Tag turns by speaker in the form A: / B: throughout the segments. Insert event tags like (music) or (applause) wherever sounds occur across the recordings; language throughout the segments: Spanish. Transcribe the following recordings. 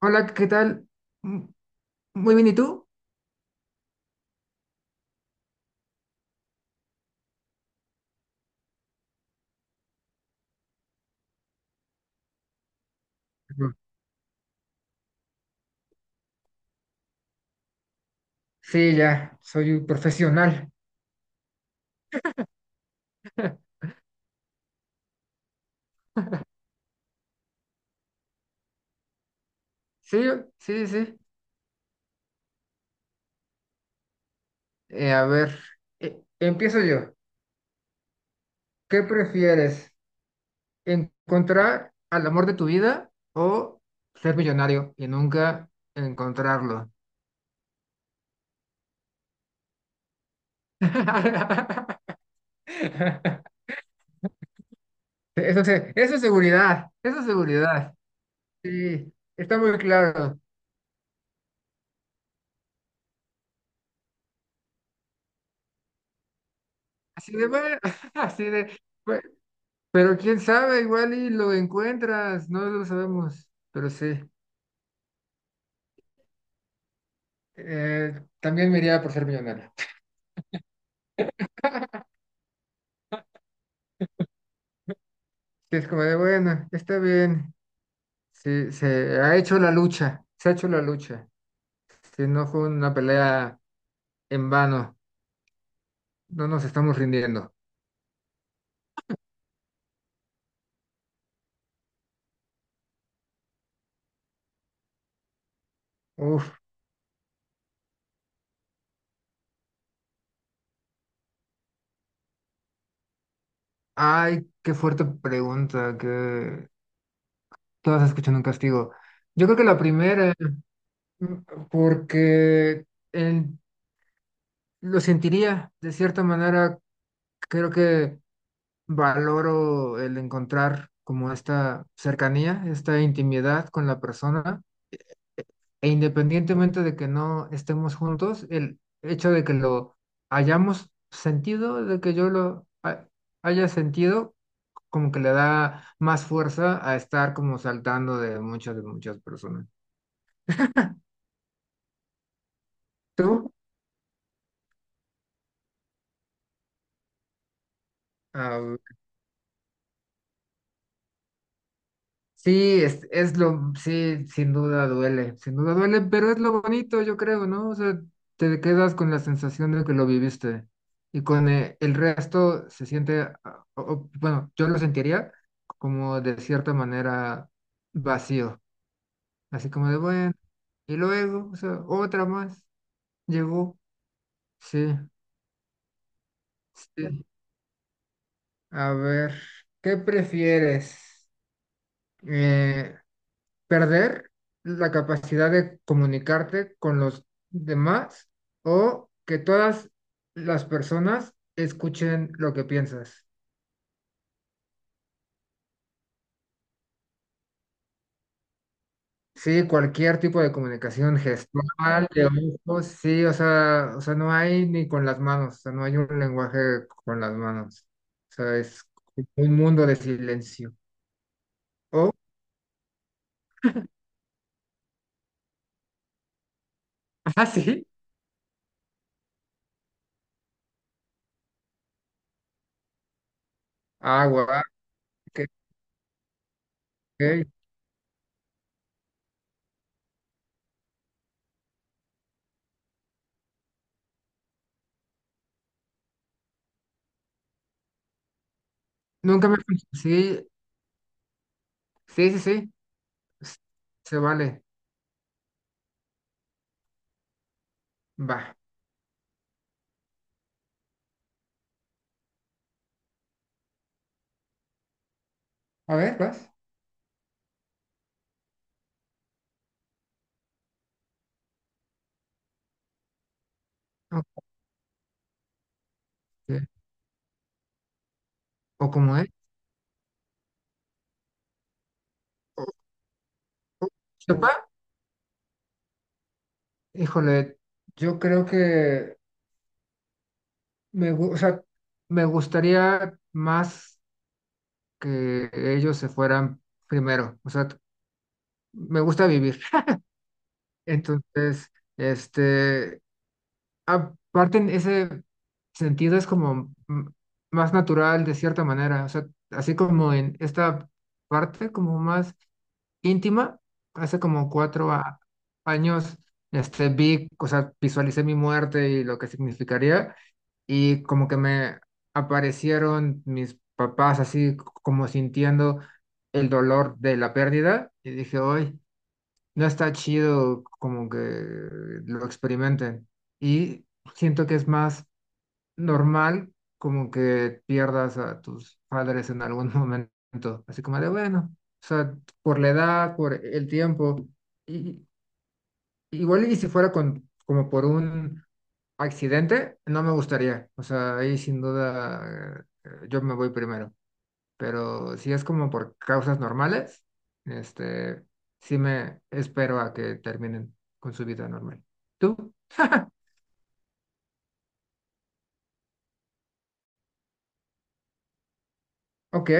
A: Hola, ¿qué tal? Mm, muy bien, ¿y tú? Mm. Sí, ya, soy un profesional. (laughs) Sí, sí, sí. A ver, empiezo yo. ¿Qué prefieres? ¿Encontrar al amor de tu vida o ser millonario y nunca encontrarlo? (laughs) Eso, eso es seguridad, eso es seguridad. Sí, está muy claro. Así de, bueno, (laughs) así de, pero quién sabe, igual y lo encuentras, no lo sabemos, pero sí. También me iría por ser millonario. (laughs) Es como de, bueno, está bien, sí, se ha hecho la lucha, se ha hecho la lucha. Si no fue una pelea en vano, no nos estamos rindiendo. Uf, ay, qué fuerte pregunta, que todas escuchan un castigo. Yo creo que la primera, mm, porque en- lo sentiría de cierta manera. Creo que valoro el encontrar como esta cercanía, esta intimidad con la persona, e independientemente de que no estemos juntos, el hecho de que lo hayamos sentido, de que yo haya sentido, como que le da más fuerza a estar como saltando de muchas personas. ¿Tú? Ah, sí, es lo, sí, sin duda duele, sin duda duele, pero es lo bonito, yo creo, ¿no? O sea, te quedas con la sensación de que lo viviste y con el resto se siente, ah, bueno, yo lo sentiría como de cierta manera vacío, así como de, bueno, y luego, o sea, otra más, llegó, sí, sí. A ver, ¿qué prefieres? Eh, Perder la capacidad de comunicarte con los demás o que todas las personas escuchen lo que piensas. Sí, cualquier tipo de comunicación gestual, de ojos, sí, o sea, no hay ni con las manos, o sea, no hay un lenguaje con las manos. O sea, es un mundo de silencio. Oh, (laughs) ah, sí. Ah, guau, ok, ok. Nunca me... Sí, sí, sí, sí. Se vale. Va. A ver, vas. Ok. O como es. o- Sopa, híjole, yo creo que o sea, me gustaría más que ellos se fueran primero. O sea, me gusta vivir. (laughs) Entonces, este, aparte en ese sentido es como más natural de cierta manera. O sea, así como en esta parte como más íntima. Hace como cuatro años, este, vi, o sea, visualicé mi muerte y lo que significaría, y como que me aparecieron mis papás así como sintiendo el dolor de la pérdida, y dije, hoy no está chido como que lo experimenten. Y siento que es más normal como que pierdas a tus padres en algún (laughs) momento, así como de bueno, o sea, por la edad, por el tiempo, y, igual y si fuera con, como por un accidente, no me gustaría, o sea, ahí sin duda yo me voy primero, pero si es como por causas normales, este, sí me espero a que terminen con su vida normal. ¿Tú? (laughs) Ok.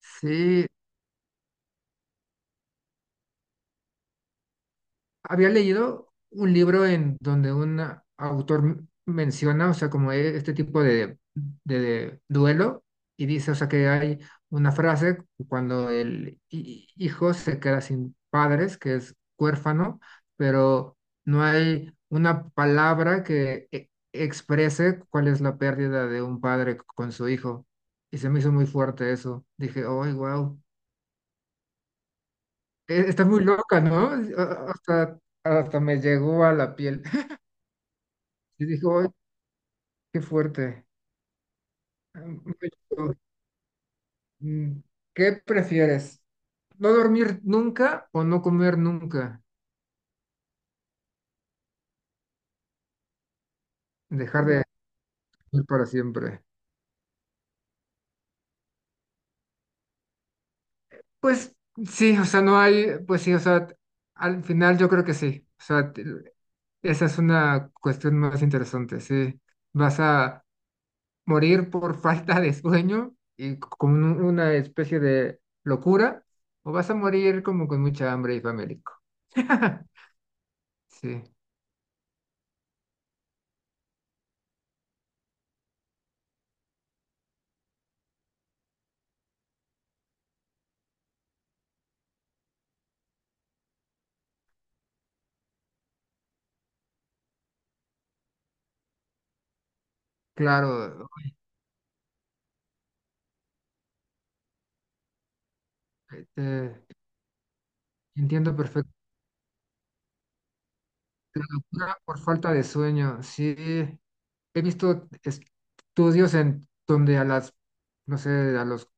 A: Sí, había leído un libro en donde un autor menciona, o sea, como este tipo de duelo, y dice, o sea, que hay una frase cuando el hijo se queda sin padres, que es huérfano, pero no hay una palabra que exprese cuál es la pérdida de un padre con su hijo. Y se me hizo muy fuerte eso. Dije, oh, wow, está muy loca, ¿no? Hasta, hasta me llegó a la piel. Y dijo: "Ay, qué fuerte". Mm, ¿qué prefieres? ¿No dormir nunca o no comer nunca? Dejar de comer para siempre. Pues sí, o sea, no hay, pues sí, o sea, al final yo creo que sí. O sea, esa es una cuestión más interesante, sí. Vas a morir por (laughs) falta de sueño y con una especie de locura, o vas a morir como con mucha hambre y famélico. (laughs) Sí, claro. Te entiendo perfectamente. La locura por falta de sueño, sí. He visto estudios en donde a las, no sé, a los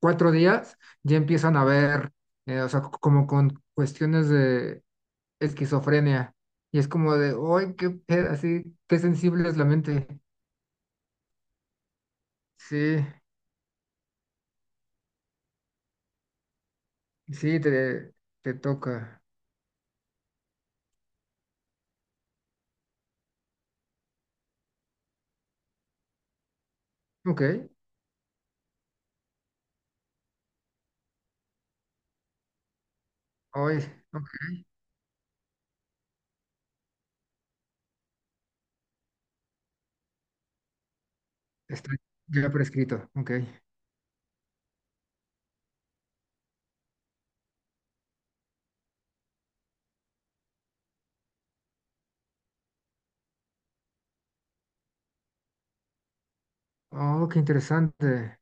A: cuatro días ya empiezan a ver, o sea, como con cuestiones de esquizofrenia. Y es como de, ¡ay, qué pedo! Así, qué sensible es la mente. Sí, sí, te toca. Ok, hoy, está ya prescrito. Ok. Oh, qué interesante.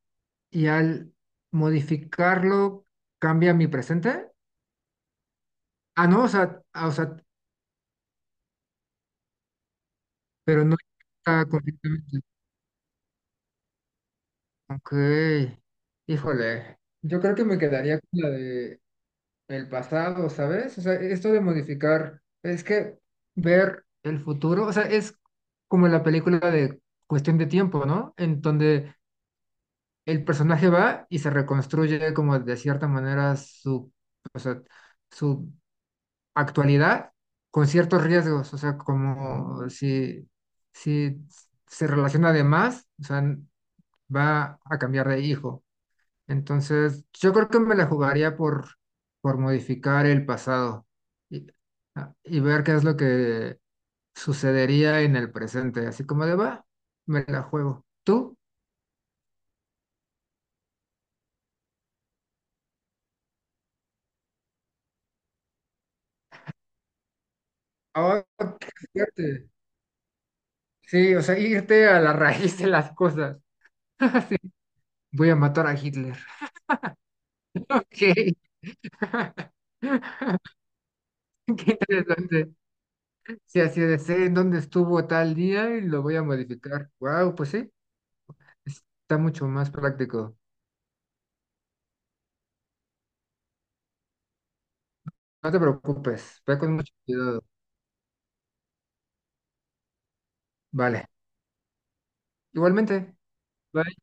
A: Y al modificarlo cambia mi presente. Ah, no, o sea, ah, o sea, pero no está completamente. Ok, híjole, yo creo que me quedaría con la de el pasado, ¿sabes? O sea, esto de modificar, es que ver el futuro, o sea, es como la película de Cuestión de Tiempo, ¿no? En donde el personaje va y se reconstruye como de cierta manera su, o sea, su actualidad con ciertos riesgos, o sea, como si se relaciona de más, o sea, va a cambiar de hijo. Entonces, yo creo que me la jugaría por modificar el pasado y, y ver qué es lo que sucedería en el presente, así como de va, me la juego. ¿Tú? Ahora, fíjate. Sí, o sea, irte a la raíz de las cosas. (laughs) Sí, voy a matar a Hitler. (laughs) Ok. (laughs) (laughs) Qué interesante. Si así de sé en dónde estuvo tal día y lo voy a modificar. Wow, pues sí, está mucho más práctico. No te preocupes, ve con mucho cuidado. Vale, igualmente. Bye.